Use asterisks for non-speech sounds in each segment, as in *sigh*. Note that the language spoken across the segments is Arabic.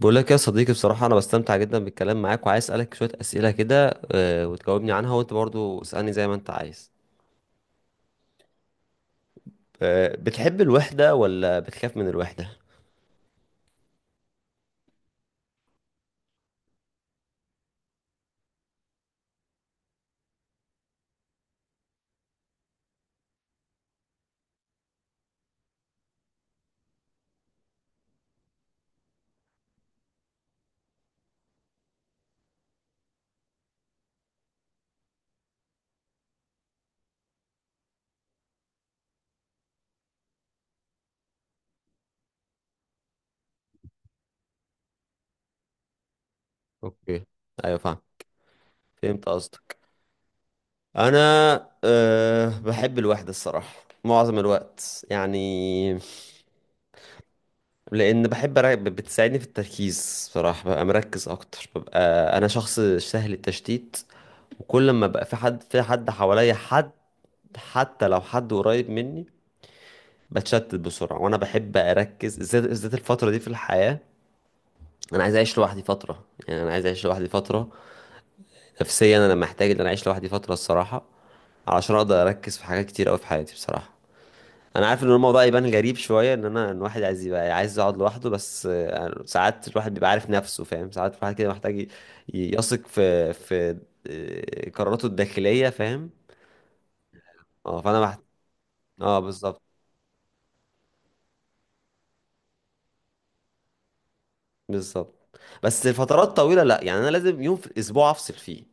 بقول لك يا صديقي بصراحة أنا بستمتع جدا بالكلام معاك وعايز أسألك شوية أسئلة كده، وتجاوبني عنها وأنت برضو اسألني زي ما أنت عايز. بتحب الوحدة ولا بتخاف من الوحدة؟ أوكي. أيوة فاهم. فهمت قصدك. أنا أه بحب الوحدة الصراحة، معظم الوقت يعني. لأن بتساعدني في التركيز، بصراحة ببقى مركز أكتر، ببقى أنا شخص سهل التشتيت. وكل ما بقى في حد حواليا حد، حتى لو حد قريب مني، بتشتت بسرعة. وأنا بحب أركز بالذات الفترة دي في الحياة. أنا عايز أعيش لوحدي فترة، يعني أنا عايز أعيش لوحدي فترة. نفسيا أنا محتاج إن أنا أعيش لوحدي فترة الصراحة، علشان أقدر أركز في حاجات كتير أوي في حياتي بصراحة. أنا عارف إن الموضوع يبان غريب شوية إن أنا إن الواحد عايز يبقى عايز يقعد لوحده، بس ساعات الواحد بيبقى عارف نفسه فاهم، ساعات الواحد كده يثق في قراراته الداخلية فاهم. اه اه بالظبط، بالظبط. بس الفترات طويلة لا، يعني أنا لازم يوم في الأسبوع أفصل فيه.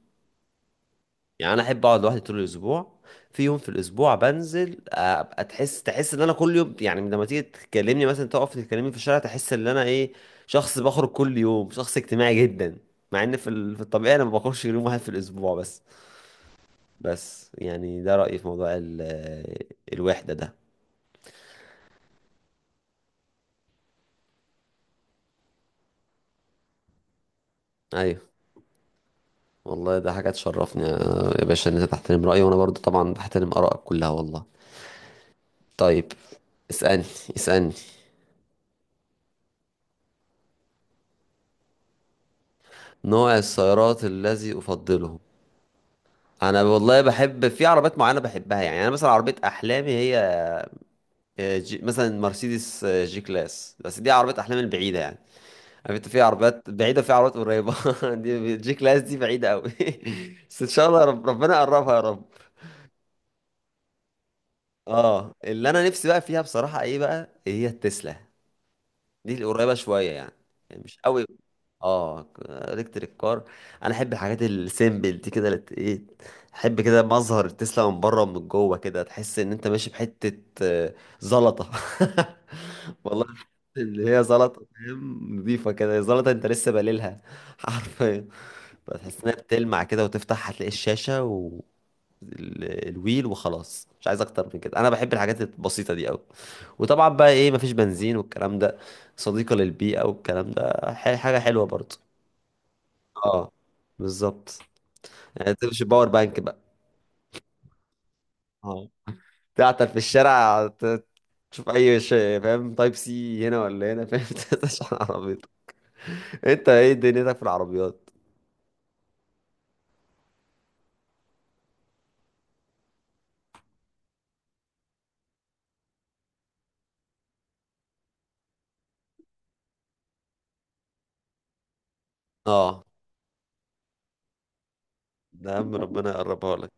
يعني انا احب اقعد لوحدي طول الاسبوع، في يوم في الاسبوع بنزل ابقى تحس ان انا كل يوم، يعني لما تيجي تكلمني مثلا، تقف تكلمني في الشارع، تحس ان انا ايه، شخص بخرج كل يوم، شخص اجتماعي جدا. مع ان في الطبيعي انا ما بخرجش غير يوم واحد في الاسبوع بس. بس يعني ده رأيي في موضوع ال الوحدة ده. ايوه. والله ده حاجة تشرفني يا باشا ان انت تحترم رأيي، وانا برضو طبعا بحترم آرائك كلها والله. طيب اسألني، اسألني. نوع السيارات الذي أفضله؟ انا والله بحب في عربيات معينه بحبها، يعني انا مثلا عربيه احلامي هي جي مثلا، مرسيدس جي كلاس، بس دي عربيه احلامي البعيده يعني. عارف انت، في عربيات بعيده في عربيات قريبه. *laughs* دي جي كلاس دي بعيده قوي. *laughs* بس ان شاء الله ربنا يقربها يا رب. اه اللي انا نفسي بقى فيها بصراحه ايه بقى هي التسلا. دي القريبة شوية يعني، يعني مش قوي. اه، الكتريك كار. انا احب الحاجات السيمبل دي كده ايه، احب كده مظهر تسلا من بره ومن جوه، كده تحس ان انت ماشي بحتة زلطة. *laughs* والله تحس ان هي زلطة فاهم، نضيفة كده زلطة انت لسه بليلها *laughs* حرفيا. بتحس انها بتلمع كده، وتفتح هتلاقي الشاشة و الويل، وخلاص مش عايز اكتر من كده، انا بحب الحاجات البسيطة دي قوي. وطبعا بقى ايه، مفيش بنزين والكلام ده، صديقة للبيئة والكلام ده حاجة حلوة برضه. اه بالظبط. يعني تمشي باور بانك بقى. اه، تعطل في الشارع تشوف اي شيء فاهم، تايب سي هنا ولا هنا فاهم *laughs* تشحن عربيتك. انت ايه دنيتك في العربيات؟ اه، ده يا عم ربنا يقربها لك.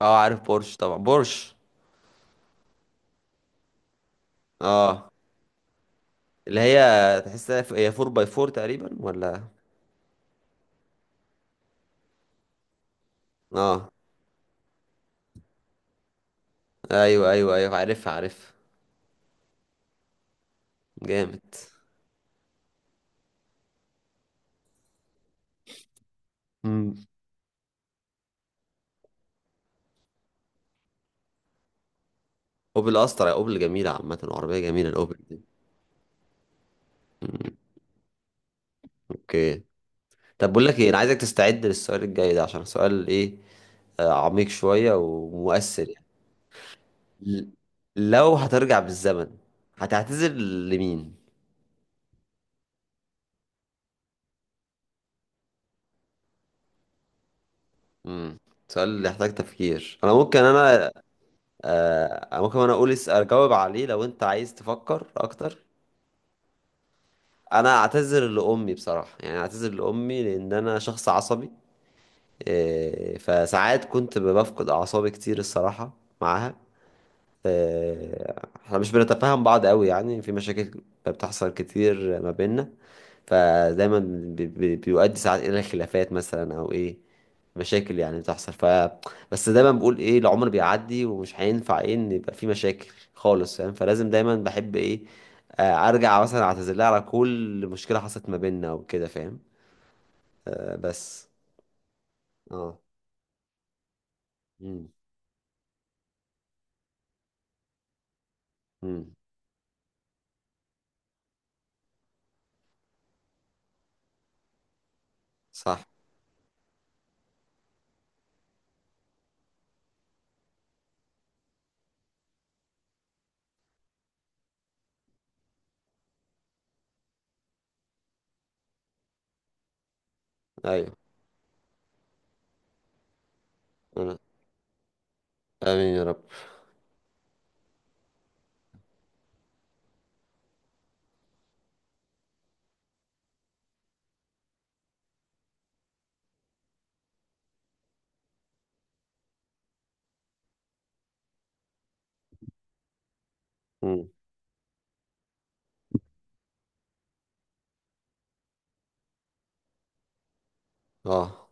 اه عارف بورش، طبعا بورش. اه اللي هي تحسها هي 4 باي 4 تقريبا ولا؟ اه ايوه ايوه ايوه، عارفها عارفها. جامد. امم، اوبل اسطر، يا اوبل جميله عامه، وعربيه جميله الاوبل. مم، اوكي. طب بقول لك ايه، انا عايزك تستعد للسؤال الجاي ده عشان سؤال ايه، عميق شوية ومؤثر يعني. ل- لو هترجع بالزمن، هتعتذر لمين؟ مم. سؤال اللي يحتاج تفكير، انا ممكن انا، ممكن انا اقول اجاوب عليه لو انت عايز تفكر اكتر. انا اعتذر لامي بصراحة، يعني اعتذر لامي لان انا شخص عصبي. فساعات كنت بفقد اعصابي كتير الصراحة، معاها. احنا مش بنتفاهم بعض قوي، يعني في مشاكل بتحصل كتير ما بيننا، فدايما بيؤدي ساعات الى خلافات مثلا او ايه، مشاكل يعني بتحصل. ف بس دايما بقول ايه، العمر بيعدي ومش هينفع ايه ان يبقى في مشاكل خالص فاهم، فلازم دايما بحب ايه، ارجع مثلا اعتذر لها على كل مشكلة حصلت ما بيننا وكده فاهم. بس اه امم. امم، صح. ايوه. أنا. امين يا رب. امم اه.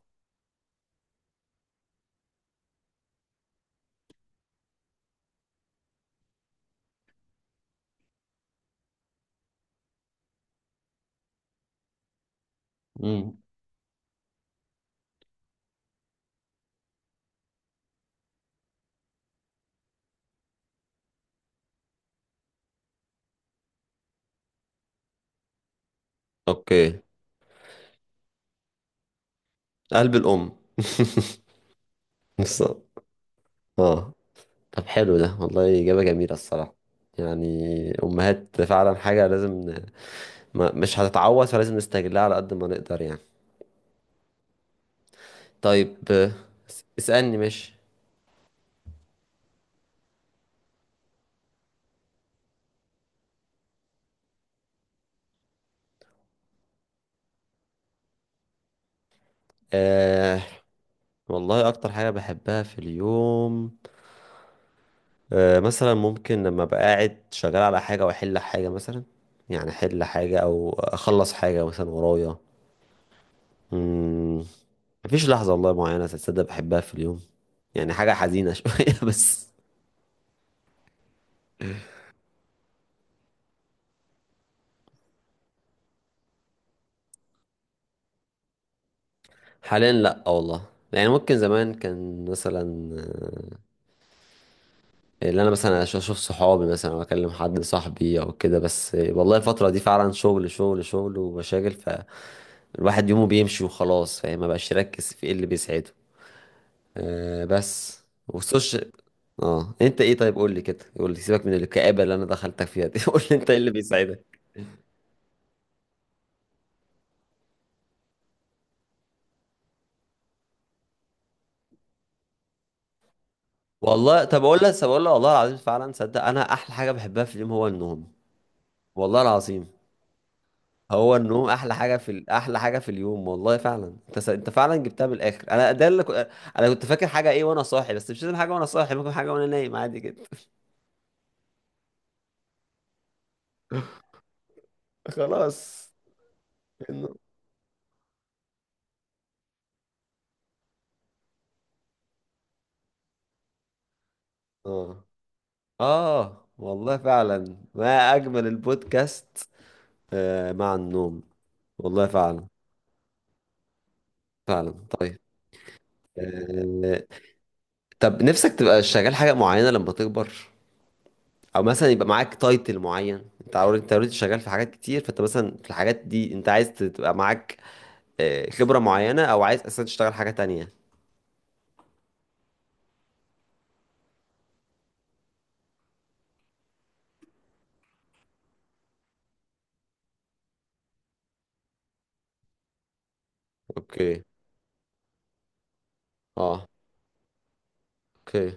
مم. اوكي. قلب الام *laughs* بالظبط. اه، طب حلو ده والله، اجابه جميله الصراحه، يعني امهات فعلا حاجه لازم ما مش هتتعوض، فلازم نستغلها على قد ما نقدر يعني. طيب اسالني مش. آه والله اكتر حاجه بحبها في اليوم، مثلا ممكن لما ابقى قاعد شغال على حاجه واحل حاجه مثلا، يعني احل حاجه او اخلص حاجه مثلا ورايا. مم. مفيش لحظة والله معينة تصدق بحبها في اليوم، يعني حاجة حزينة *laughs* شوية بس. حاليا لأ والله، يعني ممكن زمان كان مثلا آه، اللي أنا مثلا أشوف صحابي مثلا أو أكلم حد صاحبي أو كده، بس والله الفترة دي فعلا شغل شغل شغل ومشاغل، فالواحد يومه بيمشي وخلاص فاهم، مبقاش يركز في إيه اللي بيسعده. أه بس. والسوشيال. اه، انت ايه طيب، قول لي كده، قول لي سيبك من الكآبة اللي انا دخلتك فيها دي *laughs* قول لي انت ايه اللي بيسعدك. والله طب اقول لك والله العظيم فعلا صدق، انا احلى حاجه بحبها في اليوم هو النوم، والله العظيم. هو النوم احلى حاجه في احلى حاجه في اليوم والله فعلا، انت انت فعلا جبتها من الاخر، انا ده اللي انا كنت فاكر حاجه ايه وانا صاحي، بس مش لازم حاجه وانا صاحي، ممكن حاجه وانا نايم عادي جدا. *laughs* خلاص. النوم. اه اه، والله فعلا ما اجمل البودكاست مع النوم. والله فعلا. فعلا طيب. آه... طب نفسك تبقى شغال حاجه معينه لما تكبر، او مثلا يبقى معاك تايتل معين، انت اوريدي انت اوريدي شغال في حاجات كتير، فانت مثلا في الحاجات دي انت عايز تبقى معاك خبرة معينة، او عايز اصلا تشتغل حاجة تانية؟ اوكي. اه اوكي.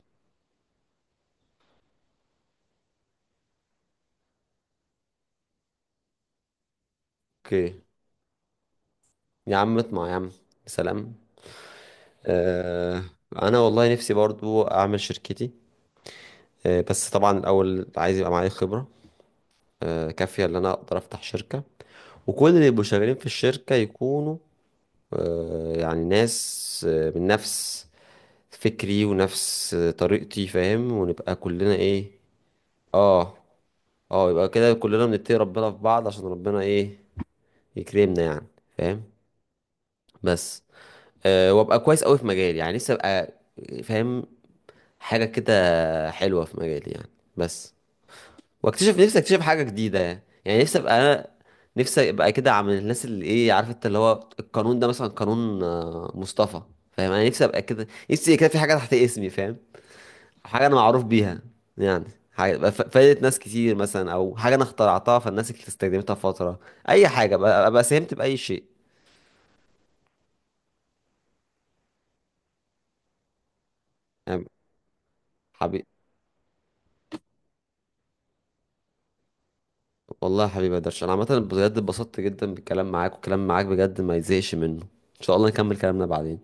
اوكي. يا عم اطمع يا عم. سلام. آه انا والله نفسي برضو اعمل شركتي، بس طبعا الاول عايز يبقى معايا خبرة كافية ان انا اقدر افتح شركة، وكل اللي يبقوا شغالين في الشركة يكونوا يعني ناس من نفس فكري ونفس طريقتي فاهم، ونبقى كلنا ايه. اه اه، يبقى كده كلنا بنتقي ربنا في بعض، عشان ربنا ايه يكرمنا يعني، فاهم. بس أه، وابقى كويس قوي في مجالي، يعني لسه ابقى فاهم حاجة كده حلوة في مجالي يعني. بس واكتشف نفسي، اكتشف حاجة جديدة، يعني يعني نفسي ابقى انا، نفسي ابقى كده عامل الناس اللي ايه عارف انت اللي هو القانون ده مثلا، قانون مصطفى فاهم. انا نفسي ابقى كده، نفسي كده في حاجة تحت اسمي فاهم، حاجة أنا معروف بيها يعني. حاجة بقى فادت ناس كتير مثلا، أو حاجة أنا اخترعتها فالناس اللي استخدمتها فترة، أي حاجة بقى أبقى ساهمت بأي شيء يعني. حبيبي. والله يا حبيبي يا درش، أنا عامة بجد اتبسطت جدا بالكلام معاك، والكلام معاك بجد ما يزهقش منه، إن شاء الله نكمل كلامنا بعدين.